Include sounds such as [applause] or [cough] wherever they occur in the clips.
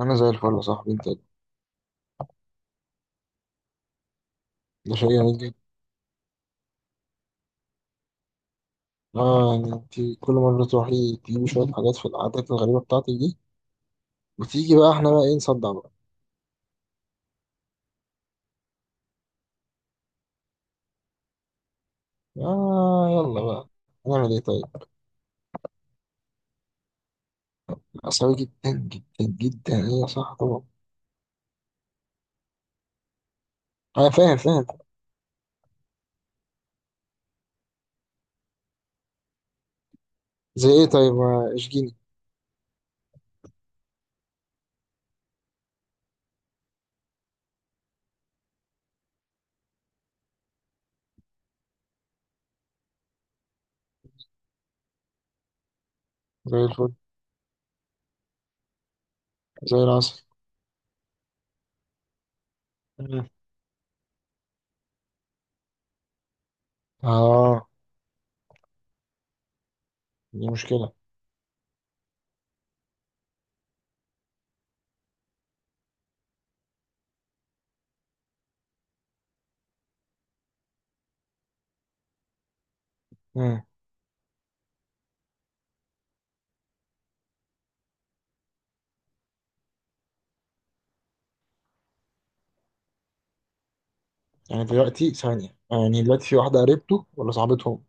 انا زي الفل يا صاحبي، انت. ده شيء جميل جدا. اه يعني انت كل مره تروحي تجيبي شويه حاجات في العادات الغريبه بتاعتك دي، وتيجي بقى احنا بقى ايه، نصدع بقى؟ اه، يلا بقى. نعمل ايه طيب؟ عصبي جدا جدا جدا. ايه يا صاحبي طبعا. انا فاهم فاهم. زي ايه طيب، ما اشجيني. زي الفل. زي العسل. مم. اه. دي مشكله. مم. يعني دلوقتي ثانيه، يعني دلوقتي في واحده قريبته ولا صاحبتهم؟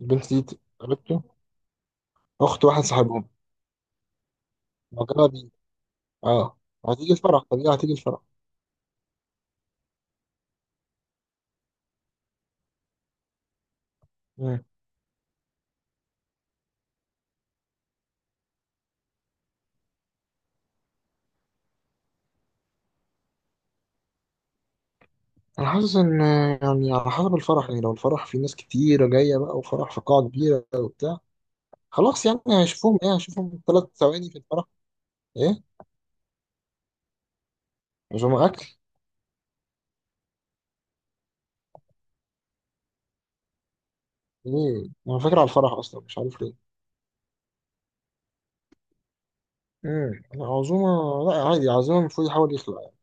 البنت دي قريبته؟ اخت واحد صاحبهم؟ مجرد؟ اه. هتيجي الفرح طبيعي، هتيجي الفرح. مم. انا حاسس ان، يعني على حسب الفرح، يعني لو الفرح فيه ناس كتيرة جاية بقى وفرح في قاعة كبيرة وبتاع. خلاص يعني هشوفهم ايه، هشوفهم 3 ثواني في الفرح. ايه. عزومة اكل. ايه، انا فاكر على الفرح اصلا، مش عارف ليه. عزومة. لا عادي، عزومة المفروض يحاول يخلع يعني.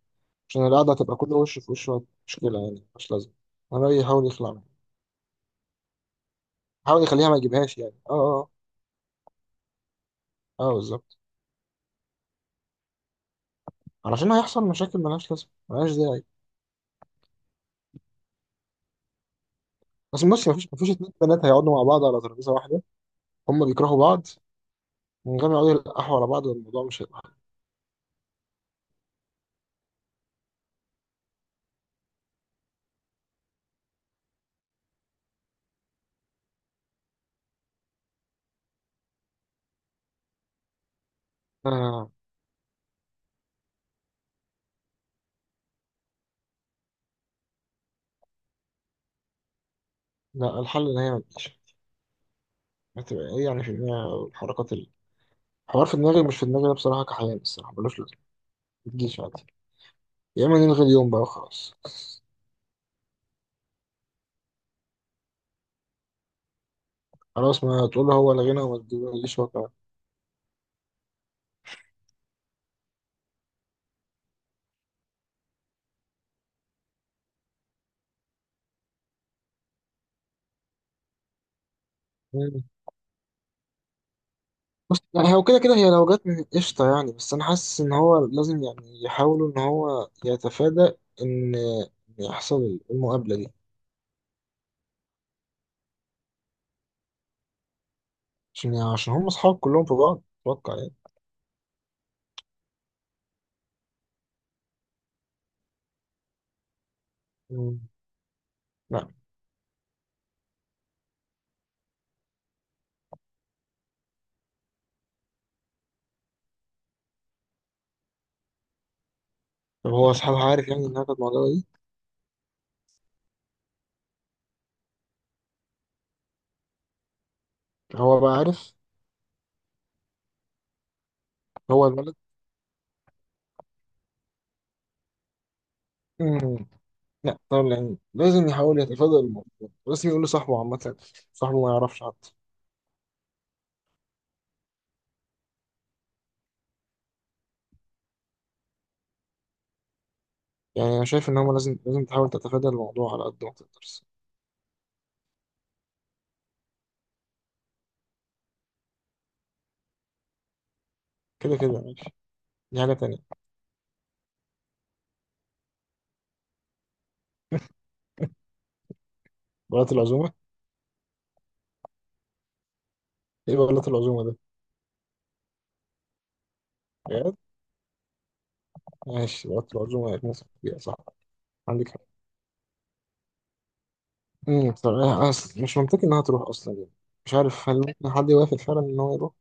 عشان القعدة هتبقى كل وش في وش. مشكلة يعني، مش لازم. انا رأيي يحاول يخلع منها. يحاول يخليها ما يجيبهاش يعني، اه اه. اه بالظبط. علشان هيحصل مشاكل ملهاش لازمة، ملهاش داعي. بس بص، مفيش 2 بنات هيقعدوا مع بعض على ترابيزه واحده. هما بيكرهوا بعض. من غير ما يقعدوا يلقحوا على بعض، الموضوع مش هيبقى حل. آه. لا، الحل ان هي ما تجيش. هتبقى ايه يعني في دماغ الحركات الحوار؟ في دماغي مش في دماغي أنا بصراحه، كحيان الصراحه ملوش لازمه. ما تجيش عادي. يا اما نلغي اليوم بقى وخلاص. خلاص، ما تقول له هو لغينا وما تجيش هو كمان. مم. بص يعني هو كده كده هي لو جت من قشطه يعني، بس انا حاسس ان هو لازم يعني يحاولوا ان هو يتفادى ان إن يحصل المقابله دي. عشان يعني، عشان هم أصحاب كلهم في بعض أتوقع يعني. مم. لا طب، هو أصحابها عارف يعني إنها كانت معجبة بيه؟ هو بقى عارف؟ هو الولد. مم. لا طبعا، يعني لازم يحاول يتفادى الموضوع، لازم يقول لصاحبه. عامة صاحبه ما يعرفش حتى. يعني أنا شايف إن هما لازم، لازم تحاول تتفادى الموضوع على قد ما تقدر. كده كده ماشي. دي حاجة تانية. بلاط العزومة. إيه بلاط العزومة ده؟ بجد؟ ماشي، بلاط العزومة هيتمسك بيها صح. عندك حق. طب أنا أصل مش منطقي إنها تروح أصلا يعني. مش عارف هل ممكن حد يوافق فعلا إن هو يروح؟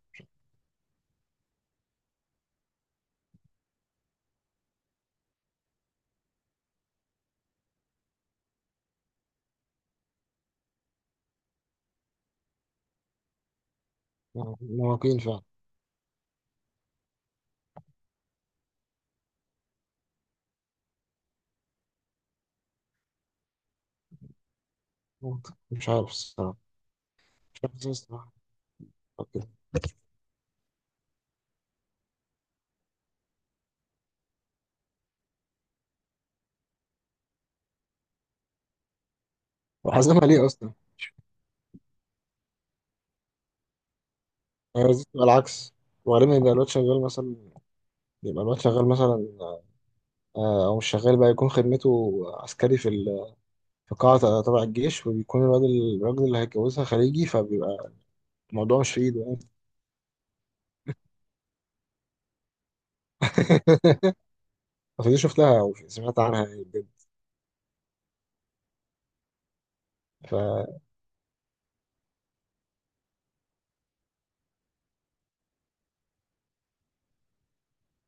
مواقين فعلا. ممكن. مش عارف الصراحة. مش عارف ازاي الصراحة. طب كده. وحاسبها ليه أصلا؟ هي لازم تبقى العكس. وبعدين يبقى الواد شغال مثلا، يبقى الواد شغال مثلا. أو مش شغال بقى، يكون خدمته عسكري في قاعة تبع الجيش، وبيكون الواد الراجل اللي هيتجوزها خليجي، فبيبقى الموضوع مش في إيده يعني. [laughs] فدي شفتها أو سمعت عنها يعني بجد.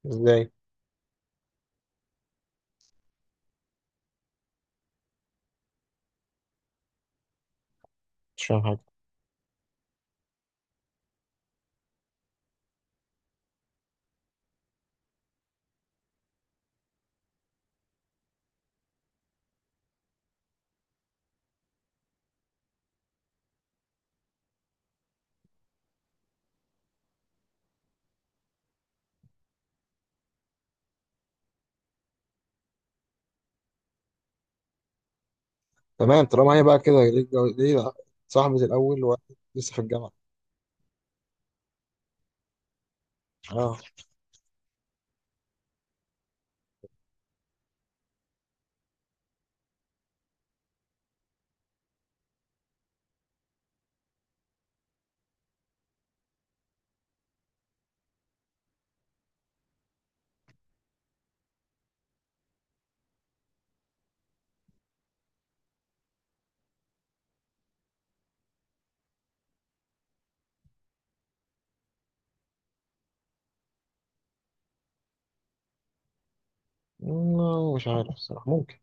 فإزاي؟ مش فاهم حاجة. تمام. طالما هي بقى كده، ليه ليه صاحبة الأول وواحد لسه في الجامعة؟ اه. مش عارف الصراحة، ممكن.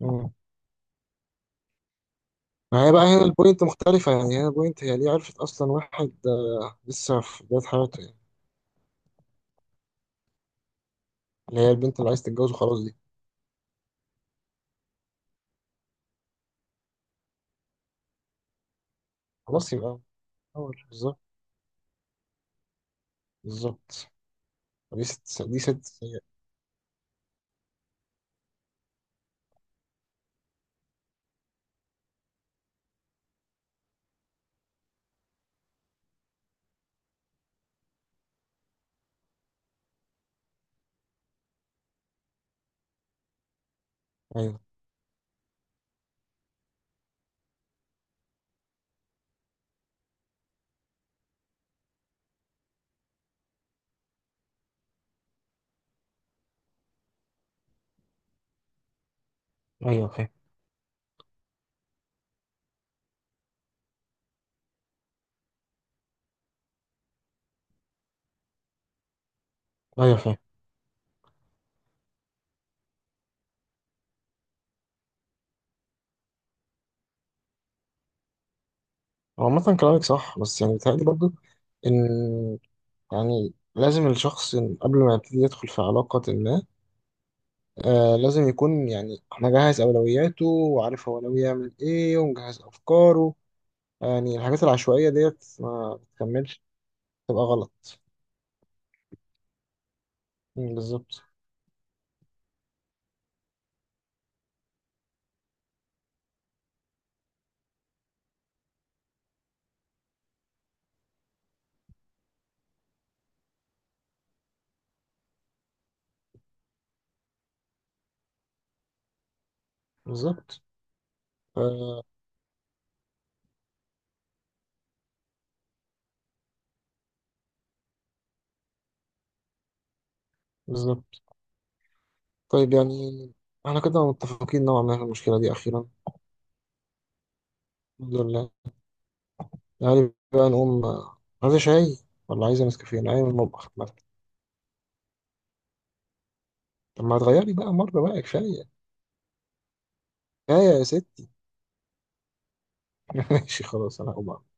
مم. ما هي بقى هنا البوينت مختلفة، يعني هنا البوينت هي ليه عرفت أصلا واحد لسه في بداية حياته يعني. اللي هي البنت اللي عايز تتجوزه خلاص دي. خلاص يبقى. أول بالظبط، بالظبط. دي ست سيئة أيوه. أيوه فاهم. أيوه فاهم. هو عامة كلامك صح، بس يعني بيتهيألي برضه إن، يعني لازم الشخص إن قبل ما يبتدي يدخل في علاقة ما، لازم يكون يعني مجهز أولوياته وعارف هو ناوي يعمل إيه ومجهز أفكاره. يعني الحاجات العشوائية ديت ما بتكملش، تبقى غلط. بالظبط. بالظبط. آه بالظبط. طيب يعني احنا كده متفقين نوعا ما في المشكلة دي أخيرا. الحمد لله. يعني بقى نقوم. عايزة شاي ولا عايزة نسكافيه؟ أنا عايز المطبخ مثلا. طب ما تغيري بقى مرة بقى، كفاية. كفاية يا ستي. [laughs] ماشي خلاص، أنا هقوم أعمل.